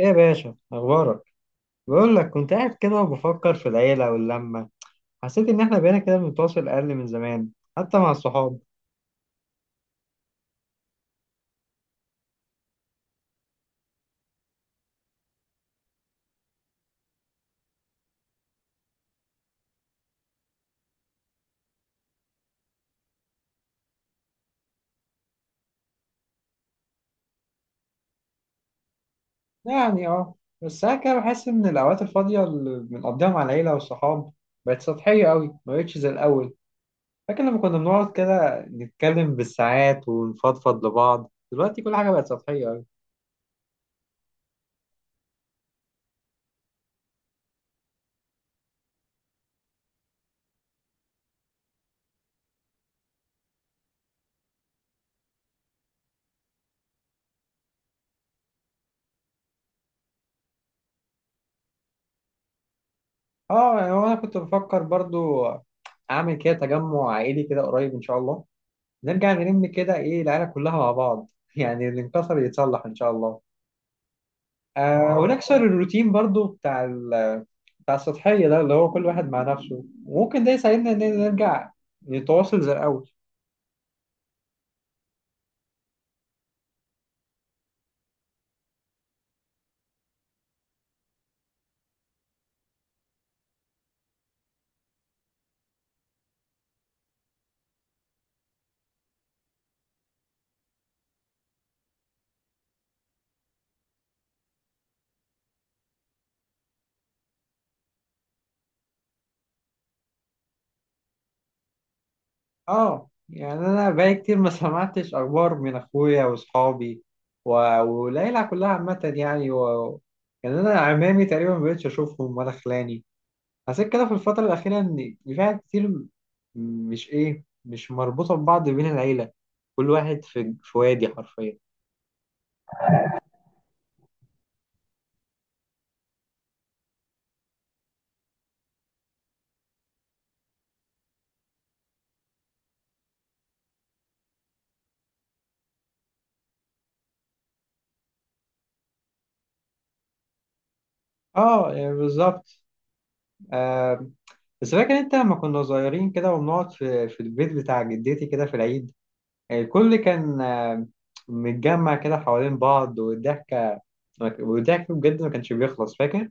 ايه يا باشا اخبارك؟ بقول لك كنت قاعد كده وبفكر في العيله واللمه. حسيت ان احنا بقينا كده بنتواصل اقل من زمان، حتى مع الصحاب. يعني اه، بس ساعات كده بحس ان الاوقات الفاضيه اللي بنقضيها مع العيله والصحاب بقت سطحيه قوي، ما بقتش زي الاول. فاكر لما كنا بنقعد كده نتكلم بالساعات ونفضفض لبعض، دلوقتي كل حاجه بقت سطحيه قوي. اه يعني هو انا كنت بفكر برضو اعمل كده تجمع عائلي كده قريب ان شاء الله، نرجع نلم كده، ايه، العيله كلها مع بعض يعني اللي انكسر يتصلح ان شاء الله. آه، ونكسر الروتين برضو بتاع السطحيه ده، اللي هو كل واحد مع نفسه، وممكن ده يساعدنا ان نرجع نتواصل زي الاول. اه يعني انا بقالي كتير ما سمعتش اخبار من اخويا واصحابي والعيله كلها عامه، يعني و... يعني انا عمامي تقريبا ما بقتش اشوفهم ولا خلاني. حسيت كده في الفترة الأخيرة إن في حاجات كتير مش إيه، مش مربوطة ببعض بين العيلة، كل واحد في وادي حرفيا. آه يعني بالظبط. آه، بس فاكر أنت لما كنا صغيرين كده وبنقعد في البيت بتاع جدتي كده في العيد، آه، الكل كان آه، متجمع كده حوالين بعض، والضحكة والضحك بجد ما كانش بيخلص، فاكر؟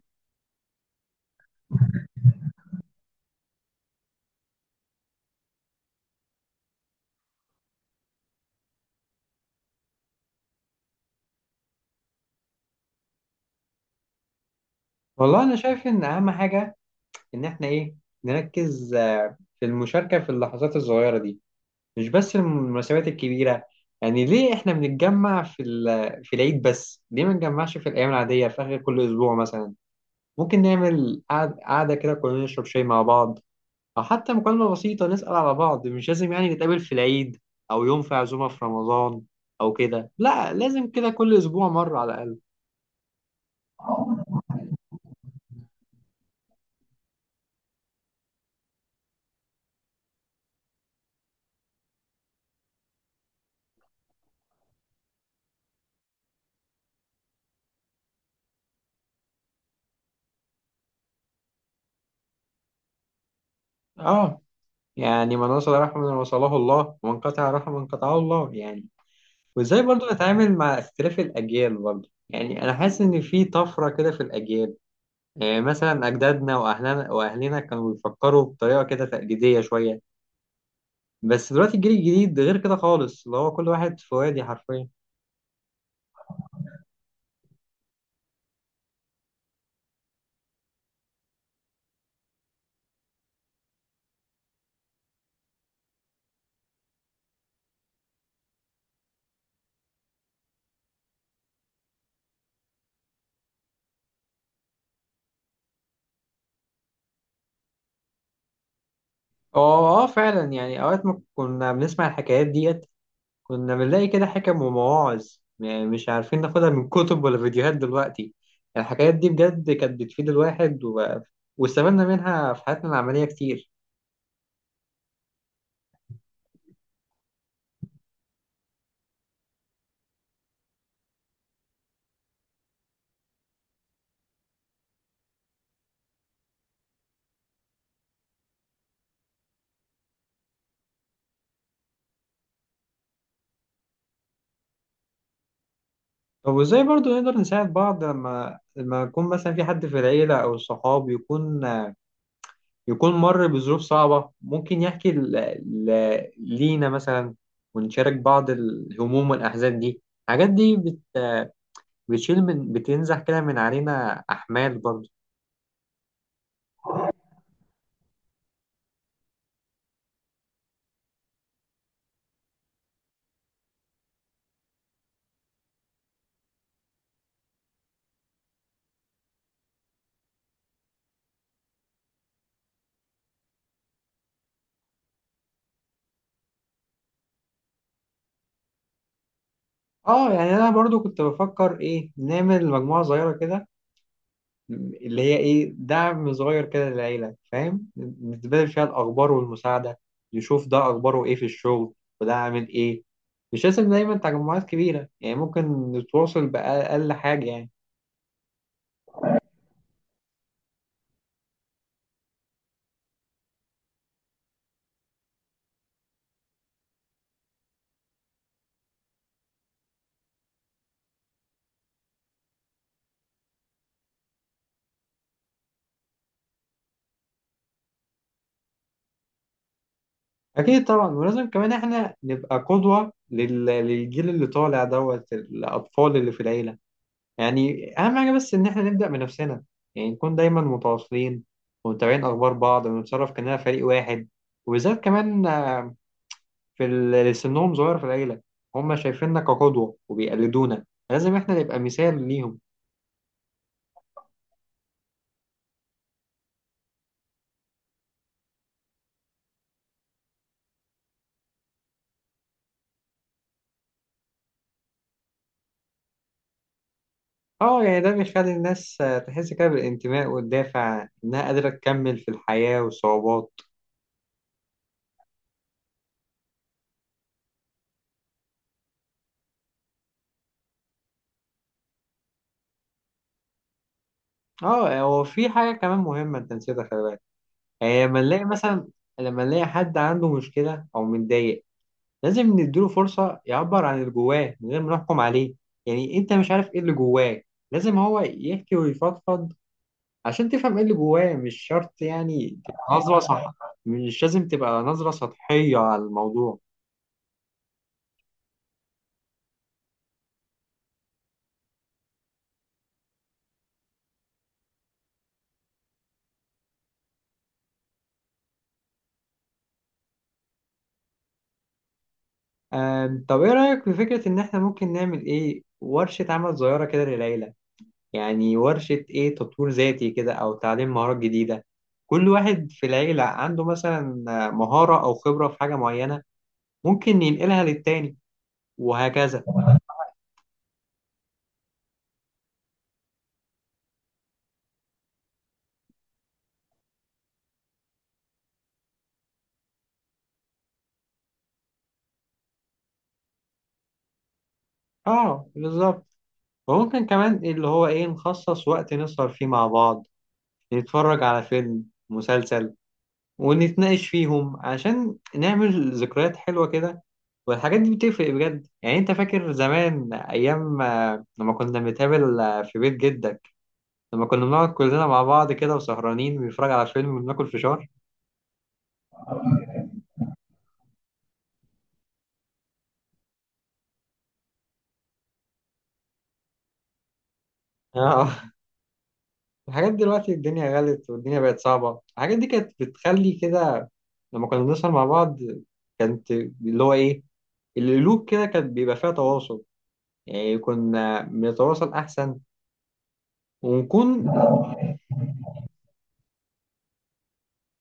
والله أنا شايف إن أهم حاجة إن إحنا إيه، نركز آه في المشاركة في اللحظات الصغيرة دي، مش بس المناسبات الكبيرة. يعني ليه احنا بنتجمع في العيد بس؟ ليه ما نتجمعش في الأيام العادية في آخر كل أسبوع مثلا؟ ممكن نعمل قعدة كده كلنا نشرب شاي مع بعض، أو حتى مكالمة بسيطة نسأل على بعض. مش لازم يعني نتقابل في العيد، أو يوم في عزومة في رمضان، أو كده. لا، لازم كده كل أسبوع مرة على الأقل. آه يعني من وصل رحمة من وصله الله، ومن قطع رحمة من قطعه الله يعني. وازاي برضو نتعامل مع اختلاف الاجيال برضو؟ يعني انا حاسس ان في طفره كده في الاجيال. يعني مثلا اجدادنا واهلنا كانوا بيفكروا بطريقه كده تقليديه شويه، بس دلوقتي الجيل الجديد غير كده خالص، اللي هو كل واحد في وادي حرفيا. اه اه فعلا، يعني اوقات ما كنا بنسمع الحكايات ديت كنا بنلاقي كده حكم ومواعظ، يعني مش عارفين ناخدها من كتب ولا فيديوهات دلوقتي. الحكايات دي بجد كانت بتفيد الواحد، و... واستفدنا منها في حياتنا العمليه كتير. طب وازاي برضو نقدر نساعد بعض لما يكون مثلا في حد في العيلة أو الصحاب يكون، مر بظروف صعبة، ممكن يحكي ل... ل... لينا مثلا، ونشارك بعض الهموم والأحزان دي. الحاجات دي بت... بتشيل من، بتنزح كده من علينا أحمال برضو. اه يعني أنا برضو كنت بفكر إيه، نعمل مجموعة صغيرة كده اللي هي ايه دعم صغير كده للعيلة فاهم، نتبادل فيها الأخبار والمساعدة، يشوف ده أخباره ايه في الشغل، وده عامل ايه. مش لازم دايما تجمعات كبيرة، يعني ممكن نتواصل بأقل حاجة يعني. أكيد طبعا، ولازم كمان احنا نبقى قدوة للجيل اللي طالع دوت الأطفال اللي في العيلة. يعني أهم حاجة بس إن احنا نبدأ بنفسنا، يعني نكون دايما متواصلين ومتابعين أخبار بعض، ونتصرف كأننا فريق واحد. وبالذات كمان اللي سنهم صغير في العيلة، هم شايفيننا كقدوة وبيقلدونا، لازم احنا نبقى مثال ليهم. اه يعني ده بيخلي الناس آه، تحس كده بالانتماء والدافع انها قادرة تكمل في الحياة والصعوبات. اه، هو في حاجة كمان مهمة انت نسيتها، خلي بالك. يعني لما نلاقي مثلا، لما نلاقي حد عنده مشكلة او متضايق، لازم نديله فرصة يعبر عن اللي جواه من غير ما نحكم عليه. يعني انت مش عارف ايه اللي جواه، لازم هو يحكي ويفضفض عشان تفهم ايه اللي جواه. مش شرط يعني تبقى نظرة صح مش لازم تبقى نظرة سطحية على الموضوع. طب ايه رأيك في فكرة ان احنا ممكن نعمل ايه، ورشة عمل صغيرة كده للعيلة؟ يعني ورشة ايه، تطوير ذاتي كده او تعليم مهارات جديدة، كل واحد في العيلة عنده مثلا آه، مهارة او خبرة في حاجة معينة، ممكن ينقلها للتاني، وهكذا. اه بالظبط. وممكن كمان اللي هو ايه، نخصص وقت نسهر فيه مع بعض، نتفرج على فيلم، مسلسل، ونتناقش فيهم عشان نعمل ذكريات حلوة كده. والحاجات دي بتفرق بجد. يعني انت فاكر زمان ايام آه، لما كنا بنتقابل آه، في بيت جدك، لما كنا بنقعد كلنا مع بعض كده وسهرانين بنتفرج على فيلم وبناكل فشار. اه الحاجات دلوقتي الدنيا غلت والدنيا بقت صعبة. الحاجات دي كانت بتخلي كده، لما كنا بنسهر مع بعض كانت اللي هو ايه، القلوب كده كانت بيبقى فيها تواصل، يعني كنا بنتواصل احسن، ونكون.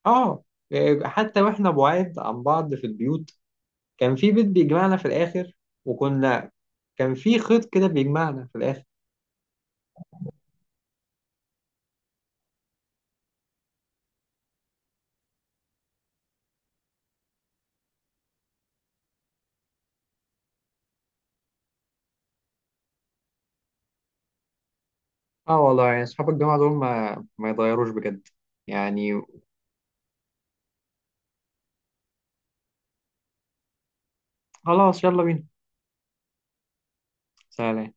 اه إيه، حتى واحنا بعاد عن بعض في البيوت كان في بيت بيجمعنا في الاخر، وكنا، كان في خيط كده بيجمعنا في الاخر. اه والله، يعني اصحاب الجامعة دول ما يتغيروش بجد يعني. خلاص يلا بينا، سلام.